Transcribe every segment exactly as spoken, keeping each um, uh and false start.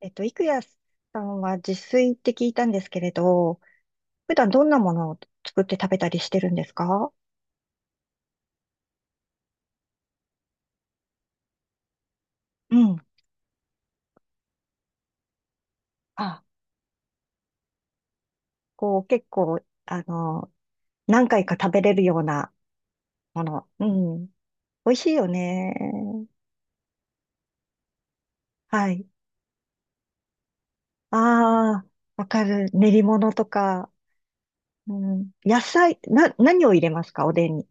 えっと、郁也さんは自炊って聞いたんですけれど、普段どんなものを作って食べたりしてるんですか？うん。あ、こう結構、あの、何回か食べれるようなもの。うん。美味しいよね。はい。ああ、わかる。練り物とか。うん。野菜、な、何を入れますか、おでんに？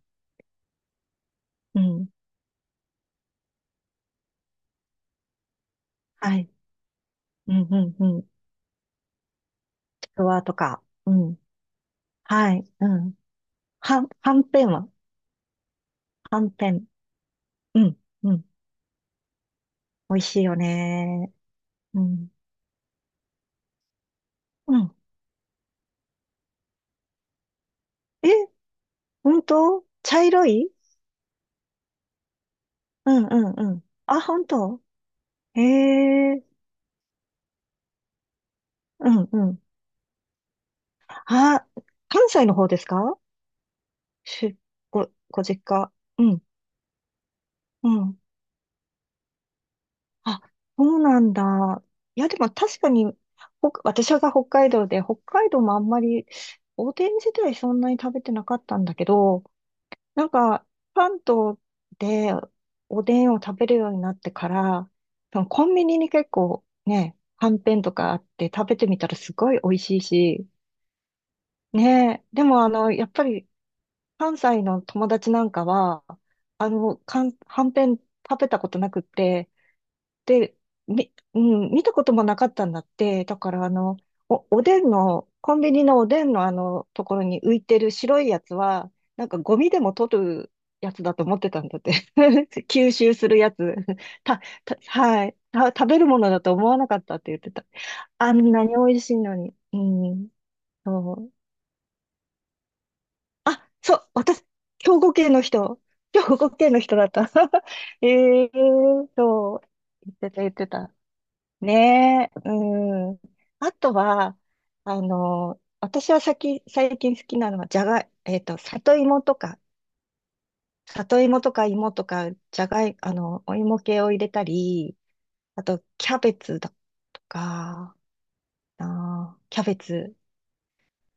うん。はい。うん、うん、うん。ちくわとか。うん。はい。うん。はん、はんぺんははんぺん。うん。うん、美味しいよね。うん。うん。え、本当？茶色い？うんうんうん。あ、本当？へえ、うんうん。あ、関西の方ですか？し、ご、ご実家。うん、うん。あ、そうなんだ。いや、でも確かに、ほ、私が北海道で、北海道もあんまり、おでん自体そんなに食べてなかったんだけど、なんか、関東でおでんを食べるようになってから、多分コンビニに結構ね、はんぺんとかあって食べてみたらすごい美味しいし、ねえ、でもあの、やっぱり関西の友達なんかは、あの、かん、はんぺん食べたことなくって、で、み、うん、見たこともなかったんだって、だからあの、お、おでんの、コンビニのおでんのあの、ところに浮いてる白いやつは、なんかゴミでも取るやつだと思ってたんだって。吸収するやつ。た、た、はい。た、食べるものだと思わなかったって言ってた。あんなに美味しいのに。うん。そう。あ、そう、私、兵庫県の人。兵庫県の人だった。ええ、そう。言ってた、言ってた。ねえ、うん。あとは、あの、私は最近、最近好きなのは、じゃがい、えっと、里芋とか、里芋とか芋とか、じゃがい、あの、お芋系を入れたり、あと、キャベツだとか、あー、キャベツ。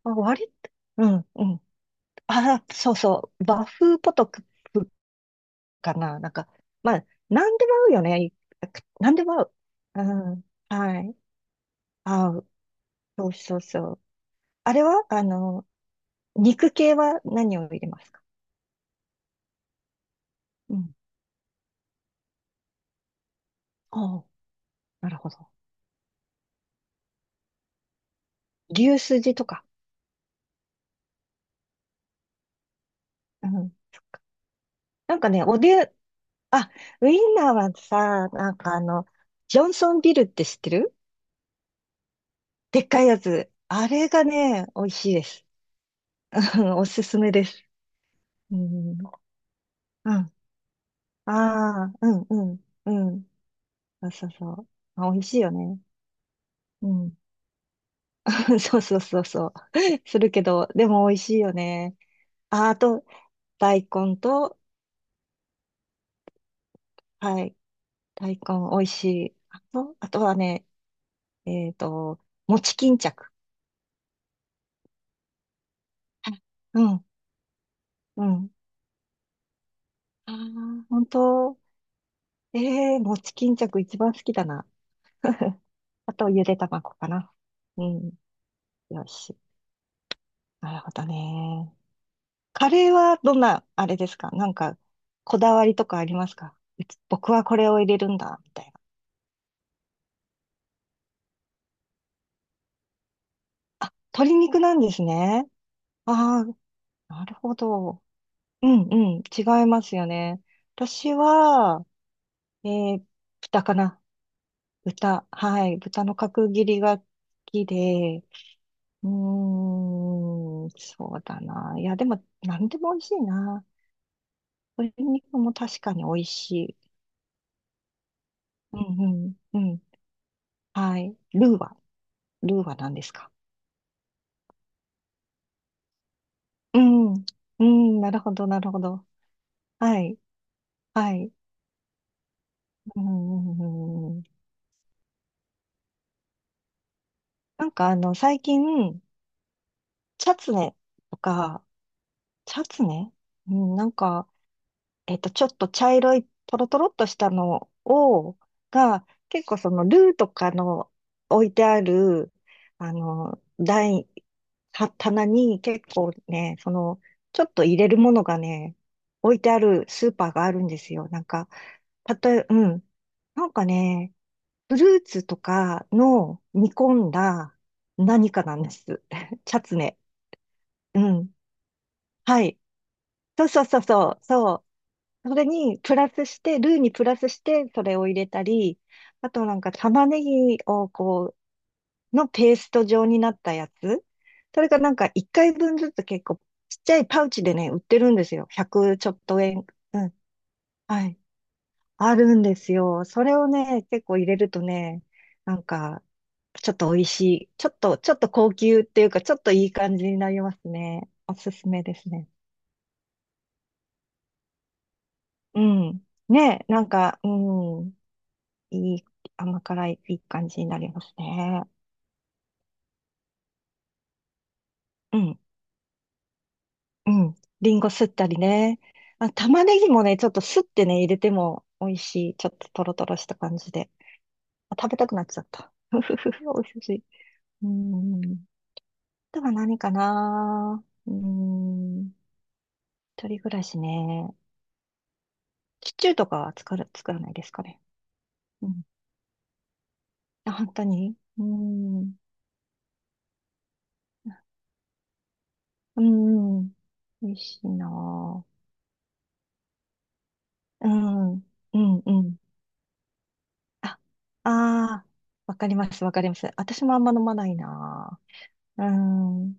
あ、割と、うん、うん。あ、そうそう、和風ポトクかな、なんか、まあ、なんでも合うよね。なんでも合う。うん、はい。合う。そうそうそう。あれはあの肉系は何を入れますか？うん。ああ、なるほど。牛すじとか。うん。なんかね、おで、あ、ウインナーはさ、なんかあの、ジョンソンビルって知ってる？でっかいやつ。あれがね、美味しいです。うん、おすすめです。うん。うん。ああ、うん、うん、うん。そうそうそう。あ、美味しいよね。うん。そうそうそうそう。するけど、でも美味しいよね。あ、あと、大根と、はい。大根美味しい。あと、あとはね、えっと、餅巾着。はい、うん、うん。ああ、本当。ええー、餅巾着一番好きだな。あと、ゆで卵かな。うん。よし。なるほどね。カレーはどんな、あれですか、なんか、こだわりとかありますか？うち僕はこれを入れるんだ、みたいな。あ、鶏肉なんですね。ああ、なるほど。うん、うん。違いますよね。私は、えー、豚かな、豚。はい。豚の角切りが好きで。うーん、そうだな。いや、でも、なんでも美味しいな。鶏肉も確かに美味しい。うん、うん、うん。はい。ルーは、ルーは何ですか？うん、うん、なるほど、なるほど。はい、はい。うん、うん、うん、なんか、あの、最近、チャツネとか、チャツネ、うん、なんか、えっと、ちょっと茶色いトロトロっとしたのを、が、結構そのルーとかの置いてある、あの、台、は棚に結構ね、その、ちょっと入れるものがね、置いてあるスーパーがあるんですよ。なんか、たとえ、うん。なんかね、フルーツとかの煮込んだ何かなんです。チャツネ。うん。はい。そうそうそうそう。そう。それにプラスして、ルーにプラスして、それを入れたり、あとなんか玉ねぎをこう、のペースト状になったやつ。それがなんかいっかいぶんずつ結構ちっちゃいパウチでね、売ってるんですよ。ひゃくちょっと円。うん。はい。あるんですよ。それをね、結構入れるとね、なんか、ちょっと美味しい。ちょっと、ちょっと高級っていうか、ちょっといい感じになりますね。おすすめですね。うん。ね、なんか、うん。いい、甘辛い、いい感じになりますね。うん、うん。リンゴすったりね。あ、玉ねぎもね、ちょっとすってね、入れても美味しい。ちょっとトロトロした感じで。あ、食べたくなっちゃった。ふふふ、美味しい。うん。あとは何かな、うん。一人暮らしね。シチューとかは作る、作らないですかね？うん。あ、本当に、うん。うん。美味しいなぁ。うん。うん、うん。ああ、あ、わかります、わかります。私もあんま飲まないな。うーん、う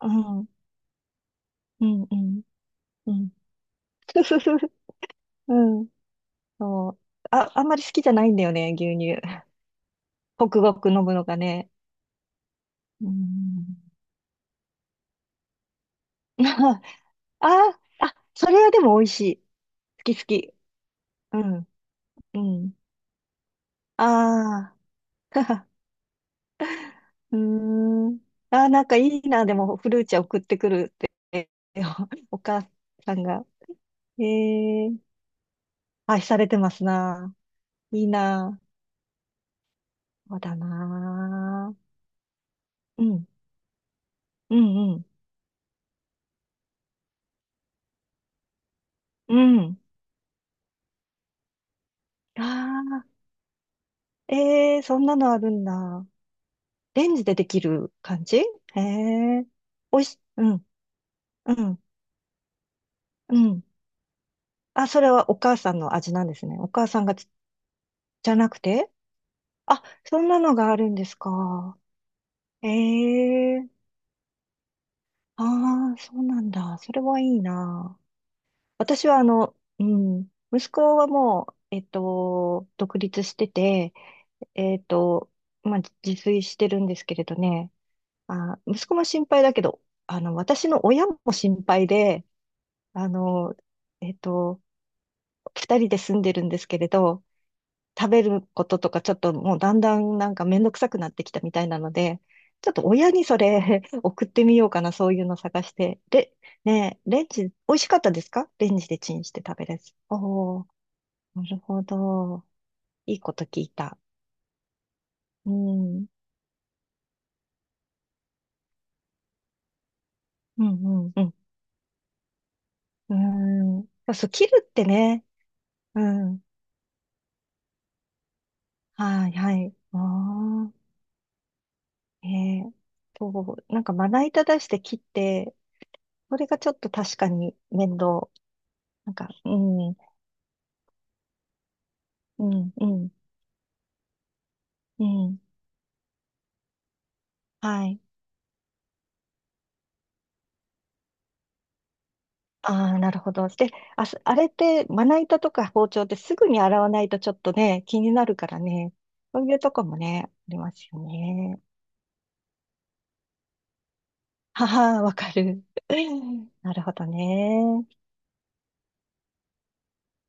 ん、うん、うん、うん。うん、そう。あ、あんまり好きじゃないんだよね、牛乳。ごクごク飲むのがね。うん。ああ、あ、それはでも美味しい。好き好き。うん、うん。ああ、うーん。ああ、なんかいいな、でも、フルーチェ送ってくるって、お母さんが。ええ、愛されてますな。いいな。そうだな。うん、うん、うん、うん。ああ、ええ、そんなのあるんだ。レンジでできる感じ？へえ。おいし、うん、うん、うん。あ、それはお母さんの味なんですね。お母さんがつじゃなくて、あ、そんなのがあるんですか。ええ、ああ、そうなんだ。それはいいな。私はあの、うん、息子はもう、えっと、独立してて、えっと、まあ、自炊してるんですけれどね、あ、息子も心配だけど、あの、私の親も心配で、あの、えっと、ふたりで住んでるんですけれど、食べることとかちょっともうだんだんなんかめんどくさくなってきたみたいなので、ちょっと親にそれ 送ってみようかな、そういうの探して。で、ねえ、レンジ、美味しかったですか、レンジでチンして食べるやつ。おー、なるほど。いいこと聞いた。うん。うんうんうん。うん。そう、切るってね。うん。はい、はい。ああ、ええ、そう、なんかまな板出して切って、それがちょっと確かに面倒。なんか、うん、うん、うん、うん。はい。ああ、なるほど。で、あ、すあれって、まな板とか包丁ってすぐに洗わないとちょっとね、気になるからね。そういうとこもね、ありますよね。はは、わかる。なるほどね。